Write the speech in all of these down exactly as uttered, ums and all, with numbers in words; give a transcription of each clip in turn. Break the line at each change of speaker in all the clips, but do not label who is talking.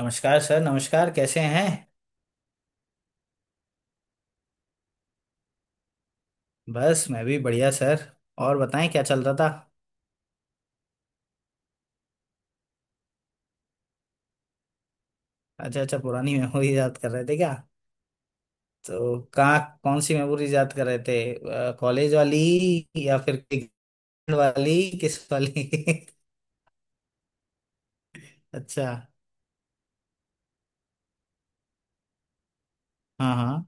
नमस्कार सर। नमस्कार, कैसे हैं? बस मैं भी बढ़िया सर। और बताएं, क्या चल रहा था? अच्छा अच्छा, पुरानी मेमोरी याद कर रहे थे क्या? तो कहाँ, कौन सी मेमोरी याद कर रहे थे, कॉलेज वाली या फिर क्रिकेट वाली? किस वाली? अच्छा। हाँ हाँ,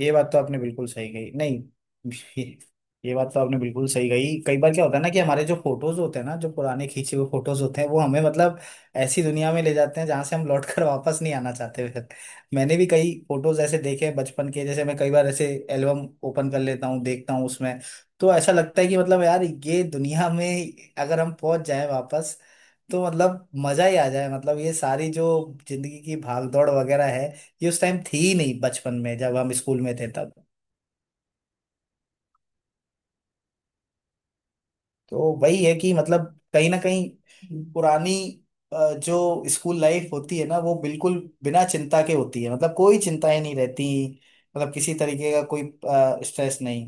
ये बात तो आपने बिल्कुल सही कही। नहीं ये, ये बात तो आपने बिल्कुल सही कही। कई बार क्या होता है ना कि हमारे जो फोटोज होते हैं ना, जो पुराने खींचे हुए फोटोज होते हैं, वो हमें मतलब ऐसी दुनिया में ले जाते हैं जहां से हम लौट कर वापस नहीं आना चाहते फिर। मैंने भी कई फोटोज ऐसे देखे हैं बचपन के। जैसे मैं कई बार ऐसे एल्बम ओपन कर लेता हूँ, देखता हूँ उसमें, तो ऐसा लगता है कि मतलब यार, ये दुनिया में अगर हम पहुंच जाए वापस तो मतलब मजा ही आ जाए। मतलब ये सारी जो जिंदगी की भागदौड़ वगैरह है, ये उस टाइम थी ही नहीं बचपन में, जब हम स्कूल में थे तब। तो वही है कि मतलब कहीं ना कहीं पुरानी अ, जो स्कूल लाइफ होती है ना, वो बिल्कुल बिना चिंता के होती है। मतलब कोई चिंताएं नहीं रहती, मतलब किसी तरीके का कोई स्ट्रेस नहीं।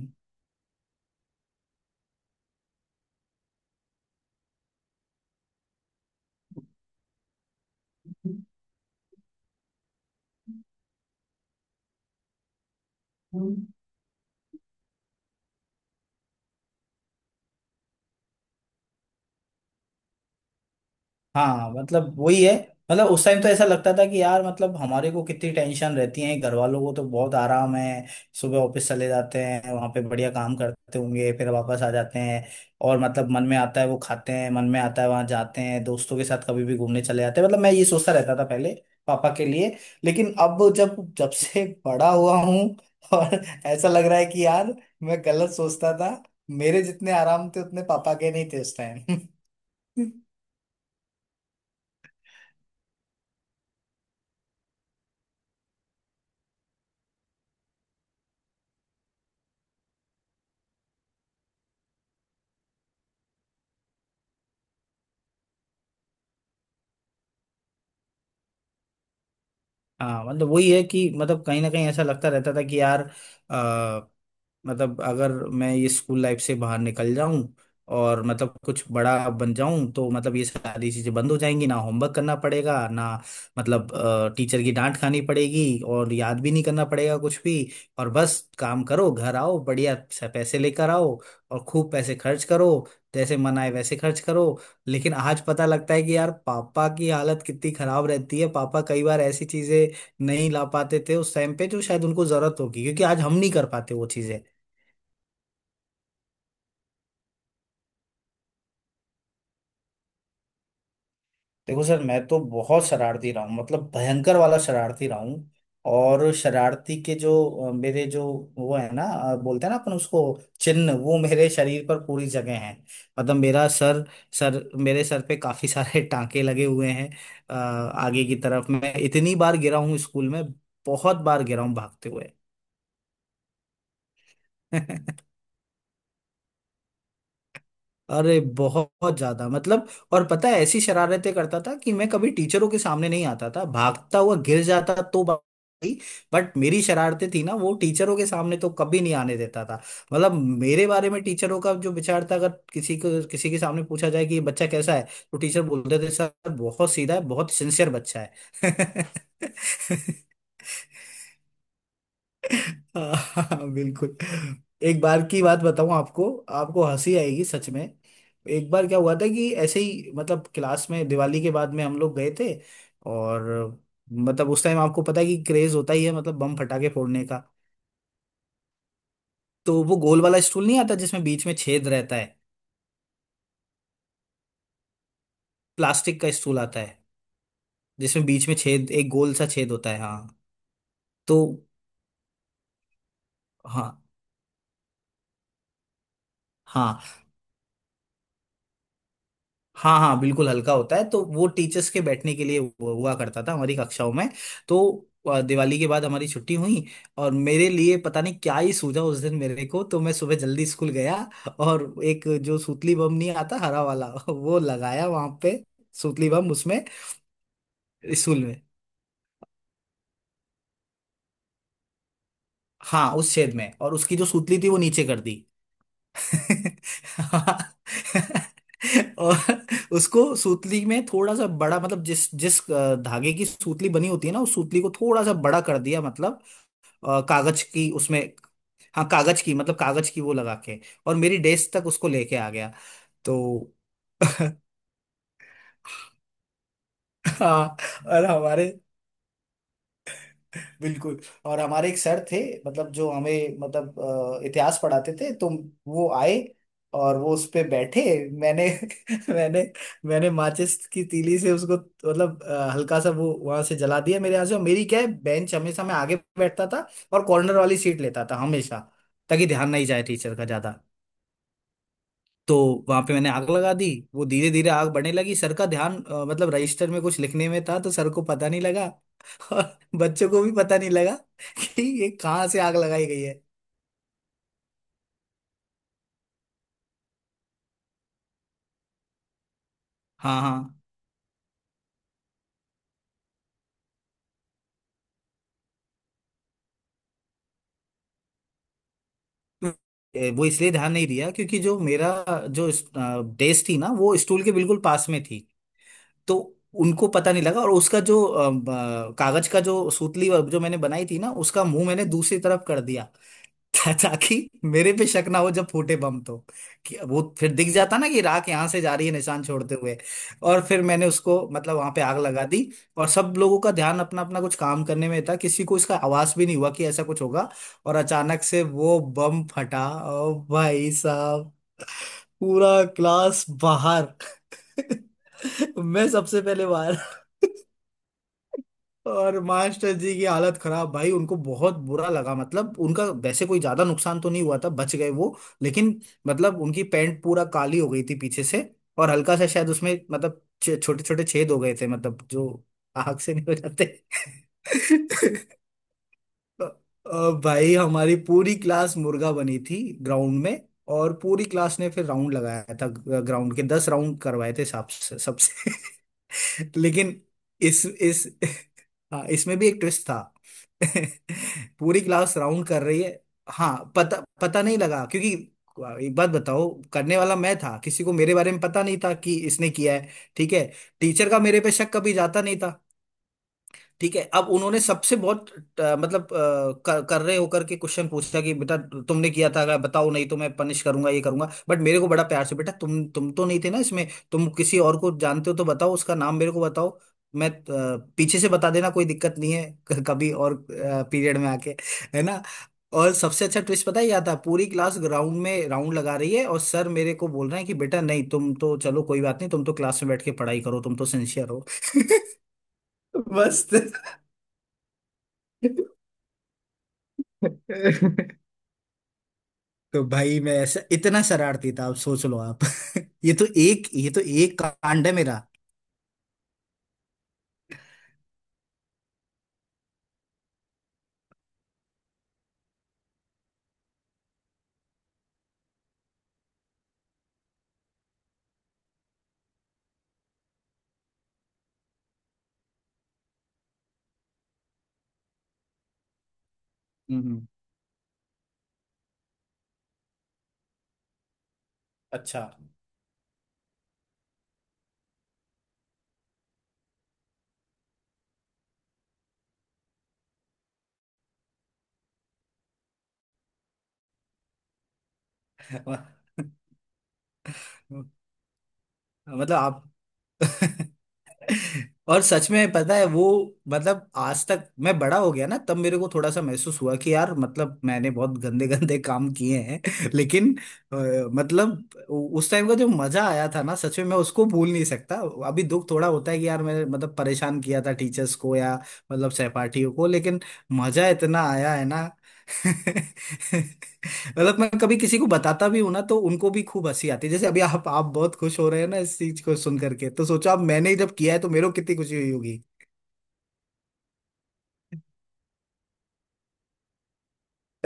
हाँ मतलब वही है। मतलब उस टाइम तो ऐसा लगता था कि यार, मतलब हमारे को कितनी टेंशन रहती है, घर वालों को तो बहुत आराम है। सुबह ऑफिस चले जाते हैं, वहां पे बढ़िया काम करते होंगे, फिर वापस आ जाते हैं। और मतलब मन में आता है वो खाते हैं, मन में आता है वहां जाते हैं, दोस्तों के साथ कभी भी घूमने चले जाते हैं। मतलब मैं ये सोचता रहता था पहले पापा के लिए। लेकिन अब जब जब से बड़ा हुआ हूँ और ऐसा लग रहा है कि यार, मैं गलत सोचता था। मेरे जितने आराम थे उतने पापा के नहीं थे उस टाइम। हाँ मतलब वही है कि मतलब कहीं ना कहीं ऐसा लगता रहता था कि यार अ, मतलब अगर मैं ये स्कूल लाइफ से बाहर निकल जाऊं और मतलब कुछ बड़ा बन जाऊं, तो मतलब ये सारी चीजें बंद हो जाएंगी। ना होमवर्क करना पड़ेगा, ना मतलब टीचर की डांट खानी पड़ेगी, और याद भी नहीं करना पड़ेगा कुछ भी। और बस काम करो, घर आओ, बढ़िया से पैसे लेकर आओ और खूब पैसे खर्च करो, जैसे मन आए वैसे खर्च करो। लेकिन आज पता लगता है कि यार पापा की हालत कितनी खराब रहती है। पापा कई बार ऐसी चीजें नहीं ला पाते थे उस टाइम पे, जो शायद उनको जरूरत होगी, क्योंकि आज हम नहीं कर पाते वो चीजें। देखो सर, मैं तो बहुत शरारती रहा हूँ, मतलब भयंकर वाला शरारती रहा हूँ। और शरारती के जो अ, मेरे जो वो है ना, अ, बोलते हैं ना अपन उसको चिन्ह, वो मेरे शरीर पर पूरी जगह है। मतलब मेरा सर, सर मेरे सर पे काफी सारे टांके लगे हुए हैं। अ, आगे की तरफ मैं इतनी बार गिरा हूँ स्कूल में, बहुत बार गिरा हूँ भागते हुए। अरे बहुत ज्यादा मतलब। और पता है, ऐसी शरारतें करता था कि मैं कभी टीचरों के सामने नहीं आता था भागता हुआ। गिर जाता तो भाई, बट मेरी शरारतें थी ना, वो टीचरों के सामने तो कभी नहीं आने देता था। मतलब मेरे बारे में टीचरों का जो विचार था, अगर किसी को किसी के सामने पूछा जाए कि ये बच्चा कैसा है, तो टीचर बोलते थे सर बहुत सीधा है, बहुत सिंसियर बच्चा है। हाँ हाँ, बिल्कुल। एक बार की बात बताऊं आपको, आपको हंसी आएगी सच में। एक बार क्या हुआ था कि ऐसे ही मतलब क्लास में दिवाली के बाद में हम लोग गए थे, और मतलब उस टाइम आपको पता है कि क्रेज होता ही है, मतलब बम फटाके फोड़ने का। तो वो गोल वाला स्टूल नहीं आता जिसमें बीच में छेद रहता है, प्लास्टिक का स्टूल आता है जिसमें बीच में छेद, एक गोल सा छेद होता है। हाँ तो हाँ हाँ, हाँ हाँ बिल्कुल हल्का होता है। तो वो टीचर्स के बैठने के लिए हु- हुआ करता था हमारी कक्षाओं में। तो अ, दिवाली के बाद हमारी छुट्टी हुई, और मेरे लिए पता नहीं क्या ही सूझा उस दिन मेरे को, तो मैं सुबह जल्दी स्कूल गया और एक जो सूतली बम नहीं आता, हरा वाला वो लगाया वहां पे। सूतली बम उसमें, स्कूल में, हाँ उस छेद में, और उसकी जो सूतली थी वो नीचे कर दी। हाँ। और उसको सूतली में थोड़ा सा बड़ा, मतलब जिस जिस अ, धागे की सूतली बनी होती है ना, उस सूतली को थोड़ा सा बड़ा कर दिया, मतलब अ, कागज की उसमें, हाँ कागज की, मतलब कागज की वो लगा के और मेरी डेस्क तक उसको लेके आ गया। तो हाँ। और हमारे, बिल्कुल, और हमारे एक सर थे, मतलब जो हमें मतलब अ, इतिहास पढ़ाते थे। तो वो आए और वो उस पे बैठे। मैंने मैंने मैंने माचिस की तीली से उसको, मतलब अ, हल्का सा वो वहां से जला दिया मेरे यहाँ से। और मेरी क्या है, बेंच, हमेशा मैं आगे बैठता था और कॉर्नर वाली सीट लेता था हमेशा, ताकि ध्यान नहीं जाए टीचर का ज्यादा। तो वहां पे मैंने आग लगा दी। वो धीरे धीरे आग बढ़ने लगी, सर का ध्यान अ, मतलब रजिस्टर में कुछ लिखने में था, तो सर को पता नहीं लगा और बच्चों को भी पता नहीं लगा कि ये कहाँ से आग लगाई गई है। हाँ हाँ। ए, वो इसलिए ध्यान नहीं दिया क्योंकि जो मेरा जो डेस्क थी ना, वो स्टूल के बिल्कुल पास में थी, तो उनको पता नहीं लगा। और उसका जो अ, ब- कागज का जो सूतली जो मैंने बनाई थी ना, उसका मुंह मैंने दूसरी तरफ कर दिया, ता- ताकि मेरे पे शक ना हो जब फूटे बम तो, कि वो फिर दिख जाता ना कि राख यहाँ से जा रही है निशान छोड़ते हुए। और फिर मैंने उसको मतलब वहां पे आग लगा दी, और सब लोगों का ध्यान अपना अपना कुछ काम करने में था, किसी को इसका आवाज भी नहीं हुआ कि ऐसा कुछ होगा। और अचानक से वो बम फटा। ओ भाई साहब, पूरा क्लास बाहर! मैं सबसे पहले बाहर। और मास्टर जी की हालत खराब भाई, उनको बहुत बुरा लगा। मतलब उनका वैसे कोई ज्यादा नुकसान तो नहीं हुआ था, बच गए वो, लेकिन मतलब उनकी पैंट पूरा काली हो गई थी पीछे से, और हल्का सा शायद उसमें मतलब छोटे छोटे छेद हो गए थे, मतलब जो आग से नहीं हो जाते। अ- अ, भाई, हमारी पूरी क्लास मुर्गा बनी थी ग्राउंड में, और पूरी क्लास ने फिर राउंड लगाया था, ग्राउंड के दस राउंड करवाए थे सबसे सबसे लेकिन इस इस, हाँ इसमें भी एक ट्विस्ट था। पूरी क्लास राउंड कर रही है। हाँ पता पता नहीं लगा क्योंकि एक बात बताओ, करने वाला मैं था, किसी को मेरे बारे में पता नहीं था कि इसने किया है। ठीक है, टीचर का मेरे पे शक कभी जाता नहीं। ठीक है, अब उन्होंने सबसे बहुत अ, मतलब अ, कर, कर रहे होकर के क्वेश्चन पूछा कि बेटा तुमने किया था, अगर बताओ, नहीं तो मैं पनिश करूंगा ये करूंगा। बट मेरे को बड़ा प्यार से, बेटा तुम तुम तो नहीं थे ना इसमें, तुम किसी और को जानते हो तो बताओ, उसका नाम मेरे को बताओ, मैं, अ, पीछे से बता देना कोई दिक्कत नहीं है, क- कभी और पीरियड में आके, है ना। और सबसे अच्छा ट्विस्ट पता है क्या था, पूरी क्लास ग्राउंड में राउंड लगा रही है और सर मेरे को बोल रहे हैं कि बेटा नहीं, तुम तो चलो कोई बात नहीं, तुम तो क्लास में बैठ के पढ़ाई करो, तुम तो सिंसियर हो। बस। तो भाई, मैं ऐसा इतना शरारती था आप सोच लो आप। ये तो एक, ये तो एक कांड है मेरा। हम्म। अच्छा। मतलब आप। और सच में पता है वो, मतलब आज तक मैं बड़ा हो गया ना, तब मेरे को थोड़ा सा महसूस हुआ कि यार, मतलब मैंने बहुत गंदे गंदे काम किए हैं, लेकिन अ, मतलब उ- उस टाइम का जो मजा आया था ना, सच में मैं उसको भूल नहीं सकता। अभी दुख थोड़ा होता है कि यार मैंने मतलब परेशान किया था टीचर्स को या मतलब सहपाठियों को, लेकिन मजा इतना आया है ना। मतलब मैं कभी किसी को बताता भी हूं ना, तो उनको भी खूब हंसी आती है, जैसे अभी आप आप बहुत खुश हो रहे हैं ना इस चीज को सुन करके, तो सोचो अब मैंने जब किया है तो मेरे को कितनी खुशी हुई होगी।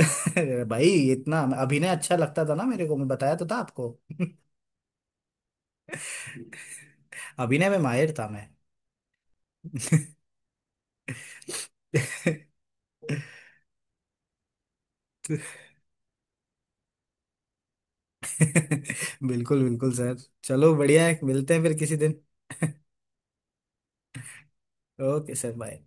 भाई, इतना अभिनय अच्छा लगता था ना मेरे को, मैं बताया तो था आपको, अभिनय में माहिर था मैं। बिल्कुल बिल्कुल सर। चलो बढ़िया है, मिलते हैं फिर किसी दिन। Okay sir, bye.